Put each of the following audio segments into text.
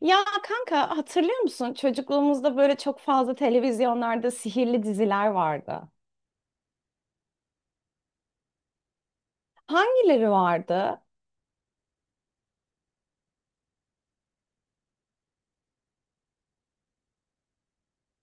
Ya kanka, hatırlıyor musun? Çocukluğumuzda böyle çok fazla televizyonlarda sihirli diziler vardı. Hangileri vardı?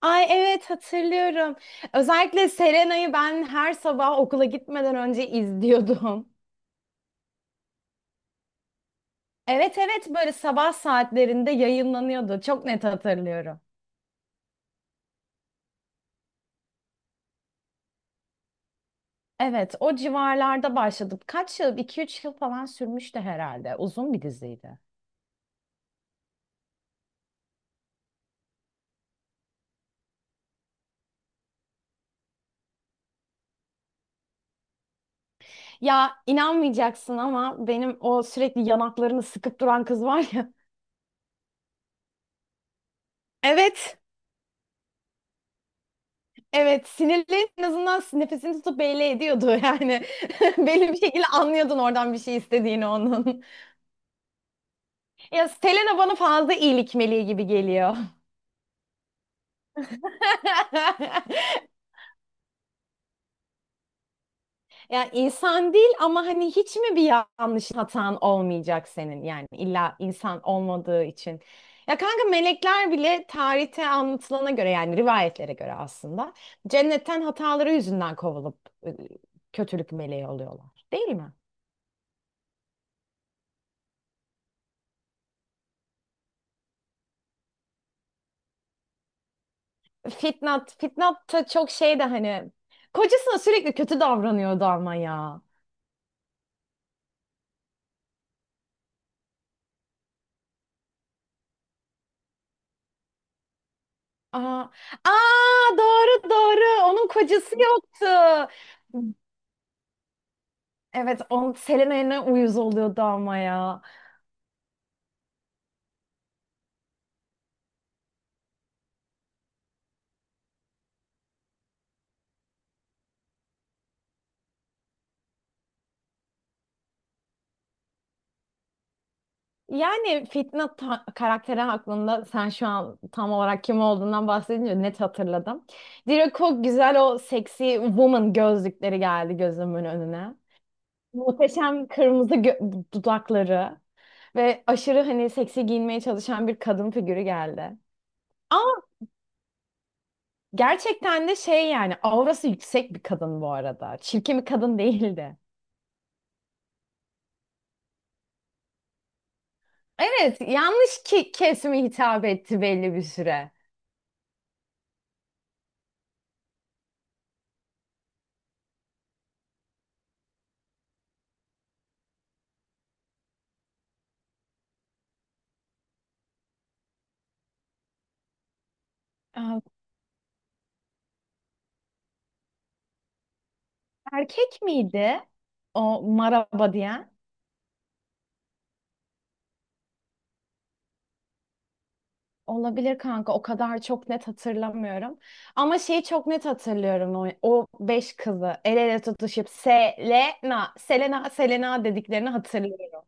Ay evet, hatırlıyorum. Özellikle Serena'yı ben her sabah okula gitmeden önce izliyordum. Evet evet, böyle sabah saatlerinde yayınlanıyordu. Çok net hatırlıyorum. Evet, o civarlarda başladım. Kaç yıl? 2 üç yıl falan sürmüştü herhalde. Uzun bir diziydi. Ya inanmayacaksın ama benim o sürekli yanaklarını sıkıp duran kız var ya. Evet. Evet, sinirli en azından nefesini tutup belli ediyordu yani. Belli bir şekilde anlıyordun oradan bir şey istediğini onun. Ya Selena bana fazla iyilik meleği gibi geliyor. Yani insan değil ama hani hiç mi bir yanlış hatan olmayacak senin? Yani illa insan olmadığı için. Ya kanka, melekler bile tarihte anlatılana göre, yani rivayetlere göre, aslında cennetten hataları yüzünden kovulup e, kötülük meleği oluyorlar. Değil mi? Fitnat, Fitnat da çok şey de hani kocasına sürekli kötü davranıyordu ama ya. Aa, aa doğru doğru, onun kocası yoktu. Evet, on Selena'ya uyuz oluyordu ama ya. Yani Fitnat ta- karakteri hakkında sen şu an tam olarak kim olduğundan bahsedince net hatırladım. Direkt o güzel o seksi woman gözlükleri geldi gözümün önüne. Muhteşem kırmızı gö- dudakları. Ve aşırı hani seksi giyinmeye çalışan bir kadın figürü geldi. Ama gerçekten de şey yani aurası yüksek bir kadın bu arada. Çirkin bir kadın değildi. Evet, yanlış ki kesime hitap etti belli bir süre. Aa, erkek miydi o maraba diyen? Olabilir kanka, o kadar çok net hatırlamıyorum. Ama şeyi çok net hatırlıyorum, o, o beş kızı el ele tutuşup Selena, Selena, Selena dediklerini hatırlıyorum.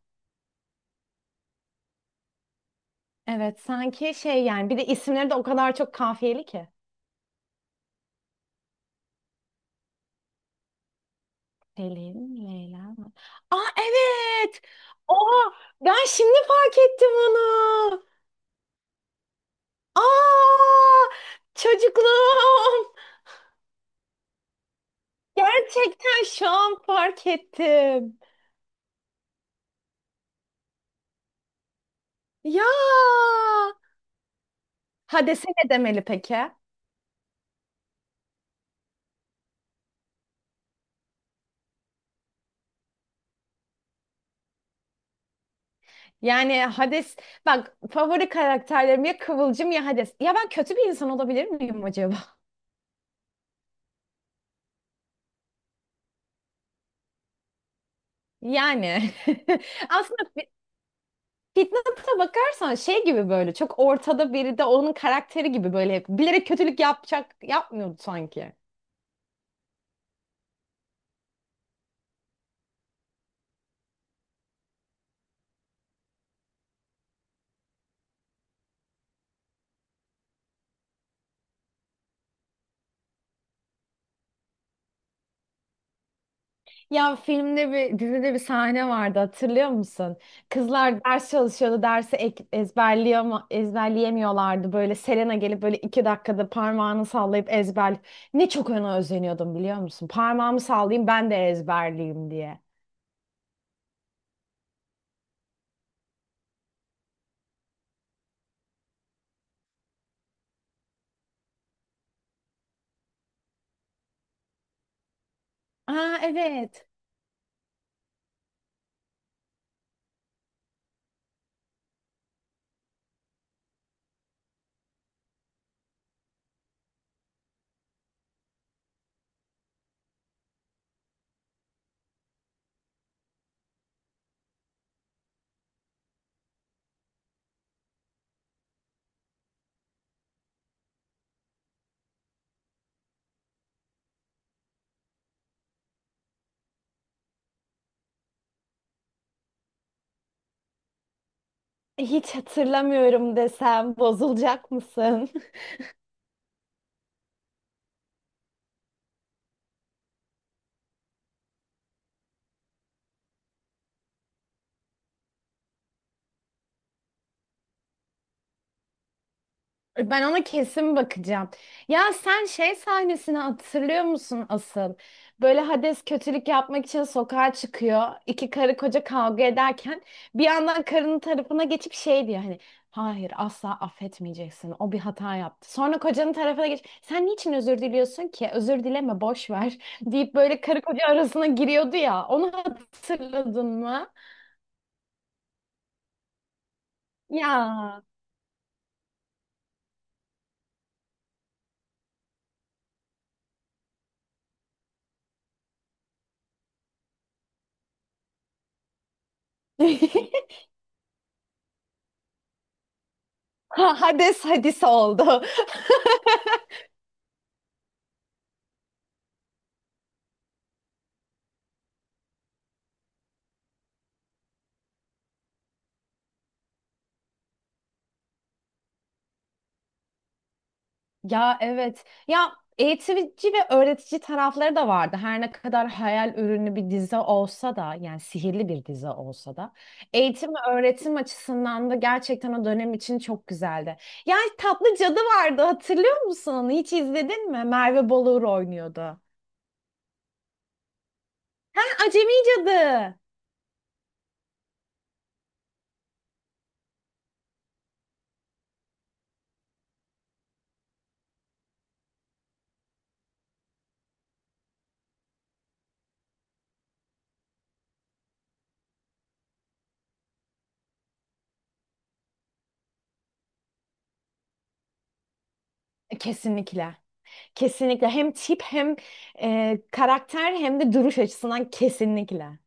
Evet, sanki şey yani bir de isimleri de o kadar çok kafiyeli ki. Selin, Leyla. Aa evet. Oha, ben şimdi fark ettim onu. Aa, çocukluğum. Gerçekten şu an fark ettim. Ya Hades'e ne demeli peki? Yani Hades, bak, favori karakterlerim ya Kıvılcım ya Hades. Ya ben kötü bir insan olabilir miyim acaba? Yani aslında Fitnat'a bakarsan şey gibi böyle çok ortada biri de onun karakteri gibi böyle hep bilerek kötülük yapacak yapmıyordu sanki. Ya filmde bir dizide bir sahne vardı, hatırlıyor musun? Kızlar ders çalışıyordu, dersi ek- ezberleyema- ezberleyemiyorlardı. Böyle Selena gelip böyle iki dakikada parmağını sallayıp ezber. Ne çok ona özeniyordum, biliyor musun? Parmağımı sallayayım ben de ezberleyeyim diye. Aa evet. Hiç hatırlamıyorum desem bozulacak mısın? Ben ona kesin bakacağım. Ya sen şey sahnesini hatırlıyor musun asıl? Böyle Hades kötülük yapmak için sokağa çıkıyor. İki karı koca kavga ederken bir yandan karının tarafına geçip şey diyor hani, hayır asla affetmeyeceksin. O bir hata yaptı. Sonra kocanın tarafına geç. Sen niçin özür diliyorsun ki? Özür dileme, boş ver deyip böyle karı koca arasına giriyordu ya. Onu hatırladın mı? Ya. Ha- Hades hadise oldu. Ya evet. Ya eğitici ve öğretici tarafları da vardı. Her ne kadar hayal ürünü bir dizi olsa da, yani sihirli bir dizi olsa da eğitim ve öğretim açısından da gerçekten o dönem için çok güzeldi. Ya Tatlı Cadı vardı, hatırlıyor musun onu? Hiç izledin mi? Merve Bolur oynuyordu. Ha, Acemi Cadı. Kesinlikle. Kesinlikle. Hem tip hem karakter hem de duruş açısından kesinlikle.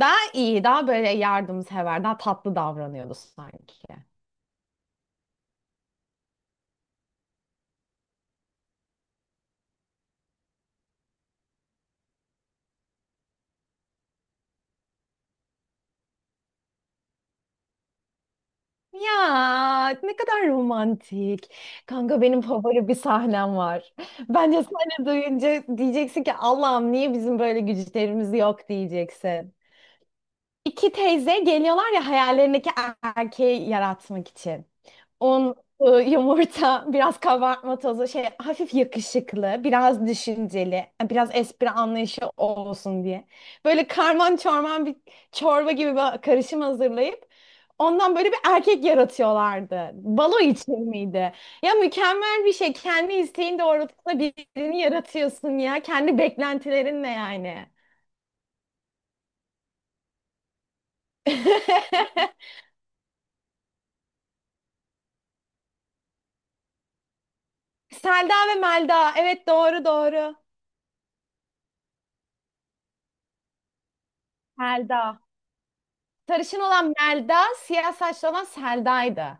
Daha iyi, daha böyle yardımsever, daha tatlı davranıyordu sanki. Ya ne kadar romantik. Kanka benim favori bir sahnem var. Bence sahne duyunca diyeceksin ki Allah'ım niye bizim böyle güçlerimiz yok diyeceksin. İki teyze geliyorlar ya hayallerindeki erkeği yaratmak için. Un, ı, yumurta, biraz kabartma tozu, şey hafif yakışıklı, biraz düşünceli, biraz espri anlayışı olsun diye. Böyle karman çorman bir çorba gibi bir karışım hazırlayıp ondan böyle bir erkek yaratıyorlardı. Balo için miydi? Ya mükemmel bir şey. Kendi isteğin doğrultusunda birini yaratıyorsun ya. Kendi beklentilerinle yani. Selda ve Melda. Evet doğru doğru. Selda. Sarışın olan Melda, siyah saçlı olan Selda'ydı.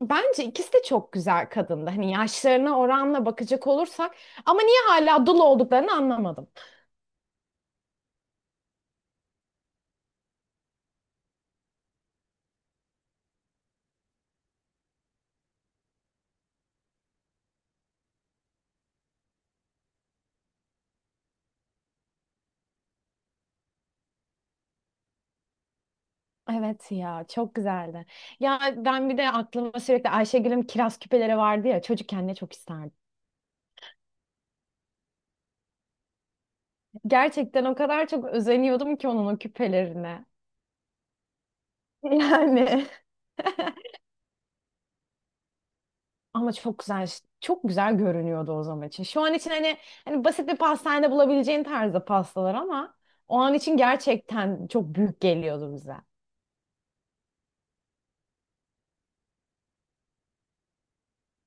Bence ikisi de çok güzel kadındı. Hani yaşlarına oranla bakacak olursak. Ama niye hala dul olduklarını anlamadım. Evet ya, çok güzeldi. Ya ben bir de aklıma sürekli Ayşegül'ün kiraz küpeleri vardı ya. Çocukken ne çok isterdim. Gerçekten o kadar çok özeniyordum ki onun o küpelerine. Yani. Ama çok güzel, çok güzel görünüyordu o zaman için. Şu an için hani, hani basit bir pastanede bulabileceğin tarzda pastalar ama o an için gerçekten çok büyük geliyordu bize.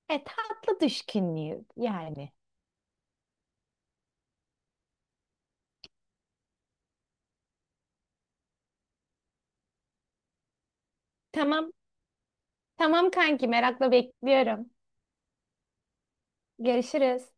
E tatlı düşkünlüğü yani. Tamam. Tamam kanki, merakla bekliyorum. Görüşürüz.